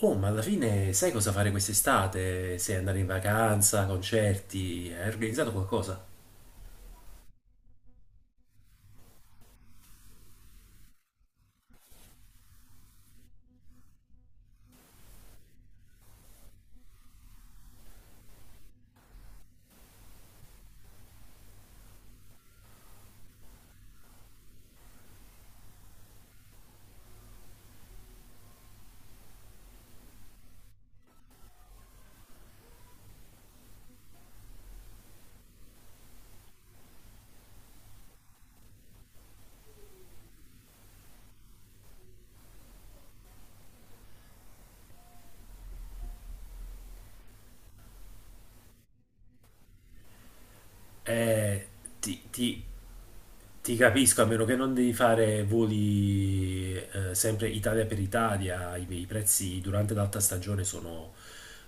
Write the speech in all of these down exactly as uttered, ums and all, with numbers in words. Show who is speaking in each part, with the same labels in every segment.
Speaker 1: Oh, ma alla fine sai cosa fare quest'estate? Se andare in vacanza, concerti, hai organizzato qualcosa? Eh, ti, ti Ti capisco, a meno che non devi fare voli eh, sempre Italia per Italia, i, i prezzi durante l'alta stagione sono,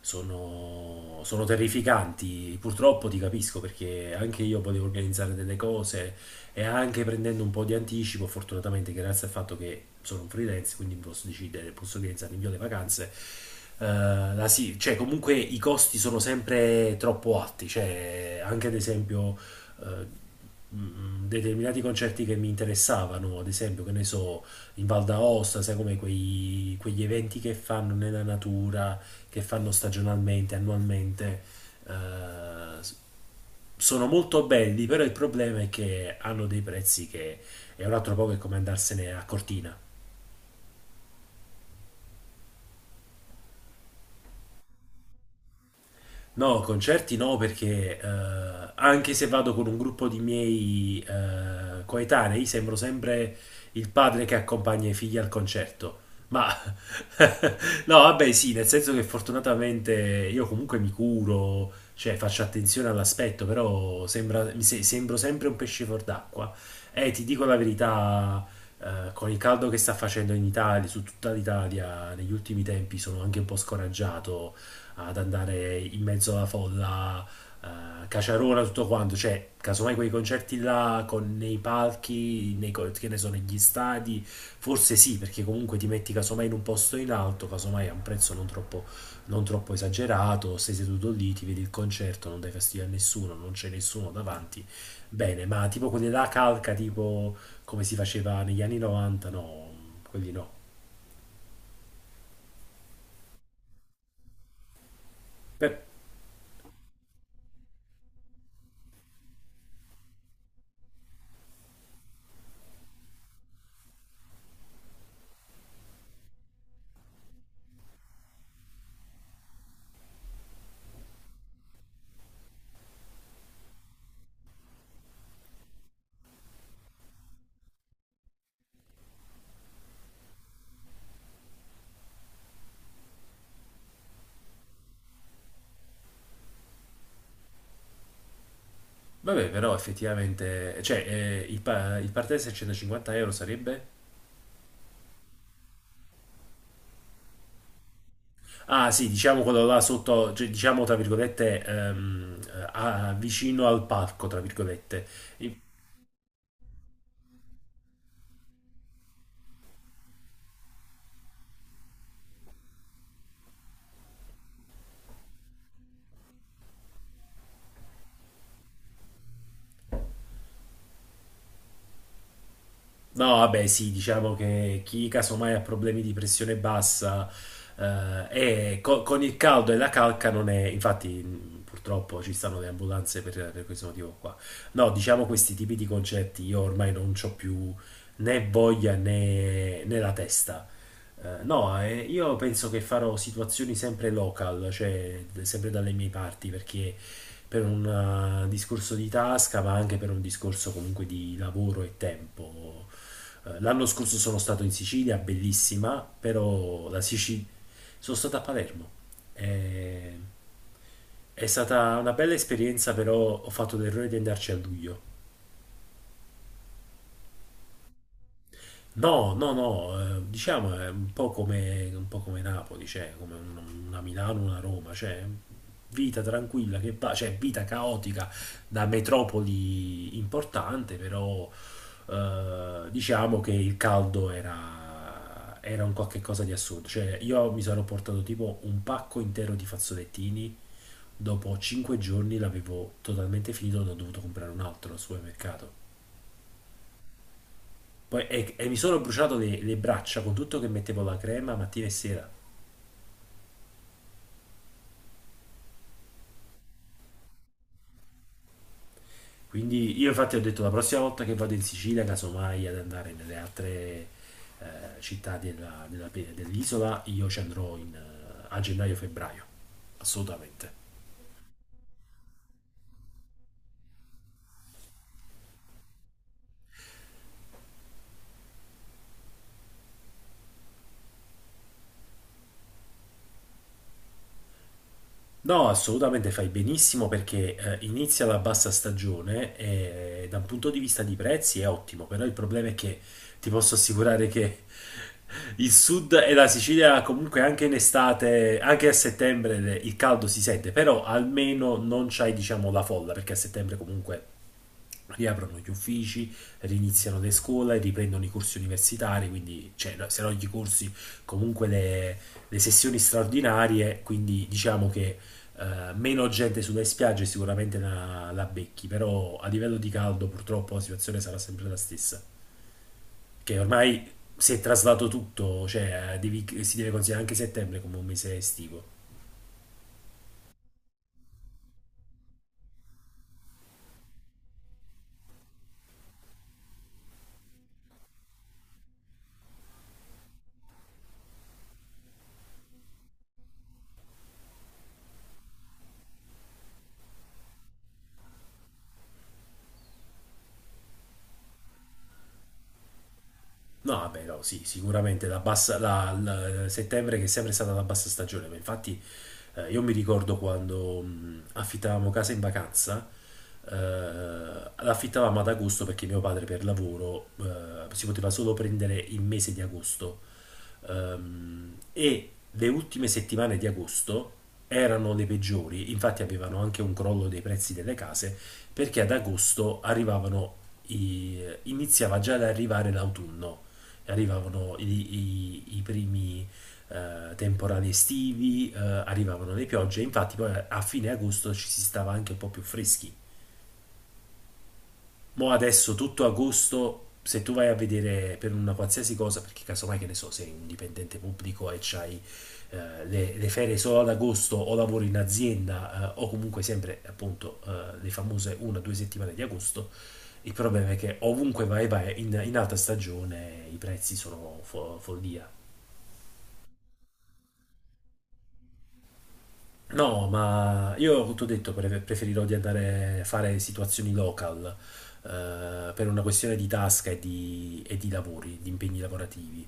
Speaker 1: sono, sono terrificanti. Purtroppo ti capisco perché anche io potevo organizzare delle cose e anche prendendo un po' di anticipo, fortunatamente grazie al fatto che sono un freelance, quindi posso decidere, posso organizzare meglio le vacanze. eh, la sì- cioè comunque i costi sono sempre troppo alti, cioè anche ad esempio mh, determinati concerti che mi interessavano, ad esempio, che ne so, in Val d'Aosta, sai come quei- quegli eventi che fanno nella natura, che fanno stagionalmente, annualmente, eh, s- sono molto belli, però il problema è che hanno dei prezzi che è un altro po' che come andarsene a Cortina. No, concerti no, perché eh, anche se vado con un gruppo di miei eh, coetanei, sembro sempre il padre che accompagna i figli al concerto. Ma no, vabbè, sì, nel senso che fortunatamente io comunque mi curo, cioè faccio attenzione all'aspetto, però sembra, mi se- sembro sempre un pesce fuor d'acqua. E ti dico la verità, eh, con il caldo che sta facendo in Italia, su tutta l'Italia, negli ultimi tempi sono anche un po' scoraggiato ad andare in mezzo alla folla, eh, caciarona, tutto quanto. Cioè, casomai quei concerti là con nei palchi, nei, co- che ne so, negli stadi, forse sì, perché comunque ti metti casomai in un posto in alto, casomai a un prezzo non troppo, non troppo esagerato, sei seduto lì, ti vedi il concerto, non dai fastidio a nessuno, non c'è nessuno davanti. Bene, ma tipo quelli là calca, tipo come si faceva negli anni novanta, no, quelli no. Beh, vabbè, però effettivamente, cioè, eh, il, pa- il partenza a centocinquanta euro sarebbe? Ah, sì, diciamo quello là sotto, cioè, diciamo tra virgolette, ehm, eh, a- vicino al parco, tra virgolette. No, vabbè, sì, diciamo che chi casomai ha problemi di pressione bassa eh, e co- con il caldo e la calca non è, infatti mh, purtroppo ci stanno le ambulanze per, per questo motivo qua. No, diciamo questi tipi di concetti io ormai non ho più né voglia né, né la testa. Eh, no, eh, io penso che farò situazioni sempre local, cioè sempre dalle mie parti, perché per un eh, discorso di tasca, ma anche per un discorso comunque di lavoro e tempo. Eh, L'anno scorso sono stato in Sicilia, bellissima, però la Sicilia... Sono stato a Palermo. Eh, È stata una bella esperienza, però ho fatto l'errore di andarci a luglio. No, no, no, eh, diciamo è un po' come, un po' come Napoli, cioè come un- una Milano, una Roma, cioè vita tranquilla che va, cioè vita caotica da metropoli importante, però eh, diciamo che il caldo era, era un qualche cosa di assurdo, cioè io mi sono portato tipo un pacco intero di fazzolettini, dopo cinque giorni l'avevo totalmente finito, ne ho dovuto comprare un altro al supermercato. Poi- e, e mi sono bruciato le, le braccia con tutto che mettevo la crema mattina e sera. Quindi io infatti ho detto la prossima volta che vado in Sicilia, casomai ad andare nelle altre eh, città della- della pe- dell'isola, io ci andrò in, eh, a gennaio-febbraio, assolutamente. No, assolutamente fai benissimo perché eh, inizia la bassa stagione e da un punto di vista di prezzi è ottimo, però il problema è che ti posso assicurare che il sud e la Sicilia comunque anche in estate, anche a settembre le- il caldo si sente, però almeno non c'hai diciamo la folla perché a settembre comunque riaprono gli uffici, riniziano le scuole, riprendono i corsi universitari, quindi cioè, no, se no gli corsi, comunque le, le sessioni straordinarie, quindi diciamo che eh, meno gente sulle spiagge sicuramente la, la becchi, però a livello di caldo purtroppo la situazione sarà sempre la stessa, che ormai si è traslato tutto, cioè eh, devi- si deve considerare anche settembre come un mese estivo. No, vabbè, no, sì, sicuramente la bassa, la, la- settembre che è sempre stata la bassa stagione, ma infatti eh, io mi ricordo quando mh, affittavamo casa in vacanza, eh, l'affittavamo ad agosto perché mio padre per lavoro eh, si poteva solo prendere il mese di agosto. Ehm, e le ultime settimane di agosto erano le peggiori, infatti avevano anche un crollo dei prezzi delle case, perché ad agosto arrivavano i- iniziava già ad arrivare l'autunno, arrivavano i, i- i primi eh, temporali estivi, eh, arrivavano le piogge, infatti poi a fine agosto ci si stava anche un po' più freschi. Mo adesso tutto agosto, se tu vai a vedere per una qualsiasi cosa, perché casomai che ne so, sei un dipendente pubblico e c'hai eh, le, le ferie solo ad agosto o lavori in azienda eh, o comunque sempre appunto eh, le famose una o due settimane di agosto, il problema è che ovunque vai vai in, in alta stagione i prezzi sono fo- follia. No, ma io ti ho detto, pre- preferirò di andare a fare situazioni local, eh, per una questione di tasca e di, e di lavori, di impegni lavorativi.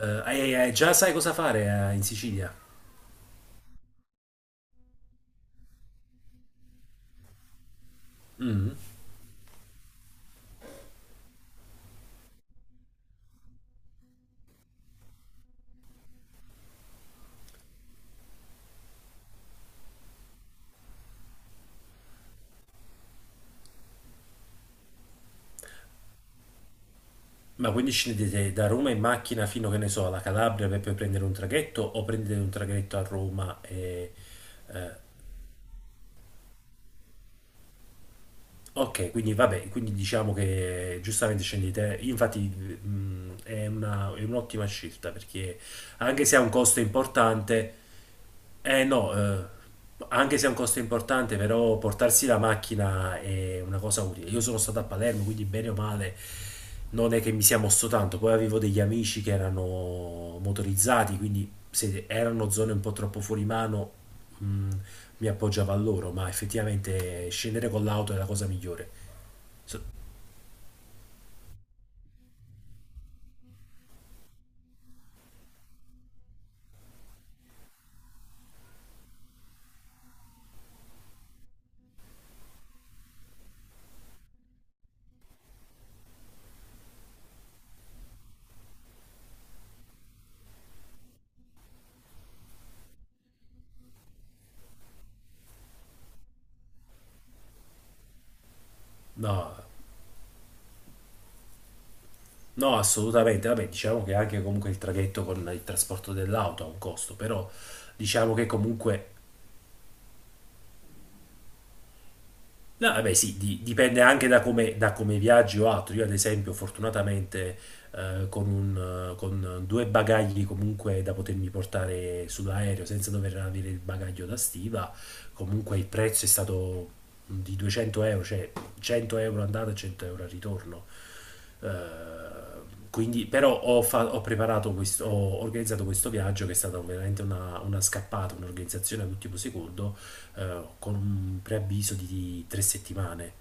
Speaker 1: Eh, hai- hai- già sai cosa fare eh, in Sicilia? Mm. Ma quindi scendete da Roma in macchina fino, che ne so, alla Calabria per poi prendere un traghetto o prendete un traghetto a Roma e... eh, Ok, quindi vabbè, quindi diciamo che giustamente scendi di te, infatti mh, è una- è un'ottima scelta perché anche se ha un costo importante, eh no, eh, anche se ha un costo importante, però portarsi la macchina è una cosa utile. Io sono stato a Palermo, quindi bene o male non è che mi sia mosso tanto, poi avevo degli amici che erano motorizzati, quindi se erano zone un po' troppo fuori mano, mh, mi appoggiavo a loro, ma effettivamente scendere con l'auto è la cosa migliore. So- No, no, assolutamente. Vabbè, diciamo che anche comunque il traghetto con il trasporto dell'auto ha un costo, però diciamo che comunque. No, vabbè, sì, di- dipende anche da come, da come viaggi o altro. Io, ad esempio, fortunatamente eh, con, un, eh, con due bagagli comunque da potermi portare sull'aereo senza dover avere il bagaglio da stiva, comunque il prezzo è stato di duecento euro, cioè cento euro andata e cento euro al ritorno. Eh, quindi, però ho, fa- ho preparato questo, ho organizzato questo viaggio che è stata veramente una, una scappata, un'organizzazione all'ultimo secondo eh, con un preavviso di tre settimane.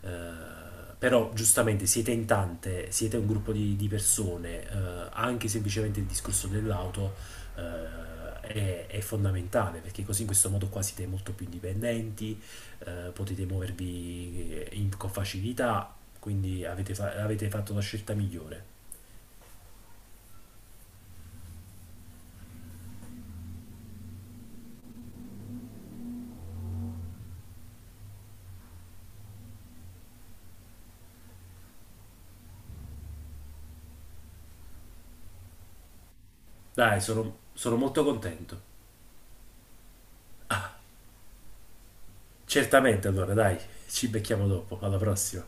Speaker 1: Eh, Però giustamente siete in tante, siete un gruppo di, di persone, eh, anche semplicemente il discorso dell'auto eh, è, è fondamentale perché così in questo modo qua siete molto più indipendenti, eh, potete muovervi eh, in- con facilità, quindi avete, fa- avete fatto la scelta migliore. Dai, sono sono molto contento. Certamente allora, dai, ci becchiamo dopo, alla prossima.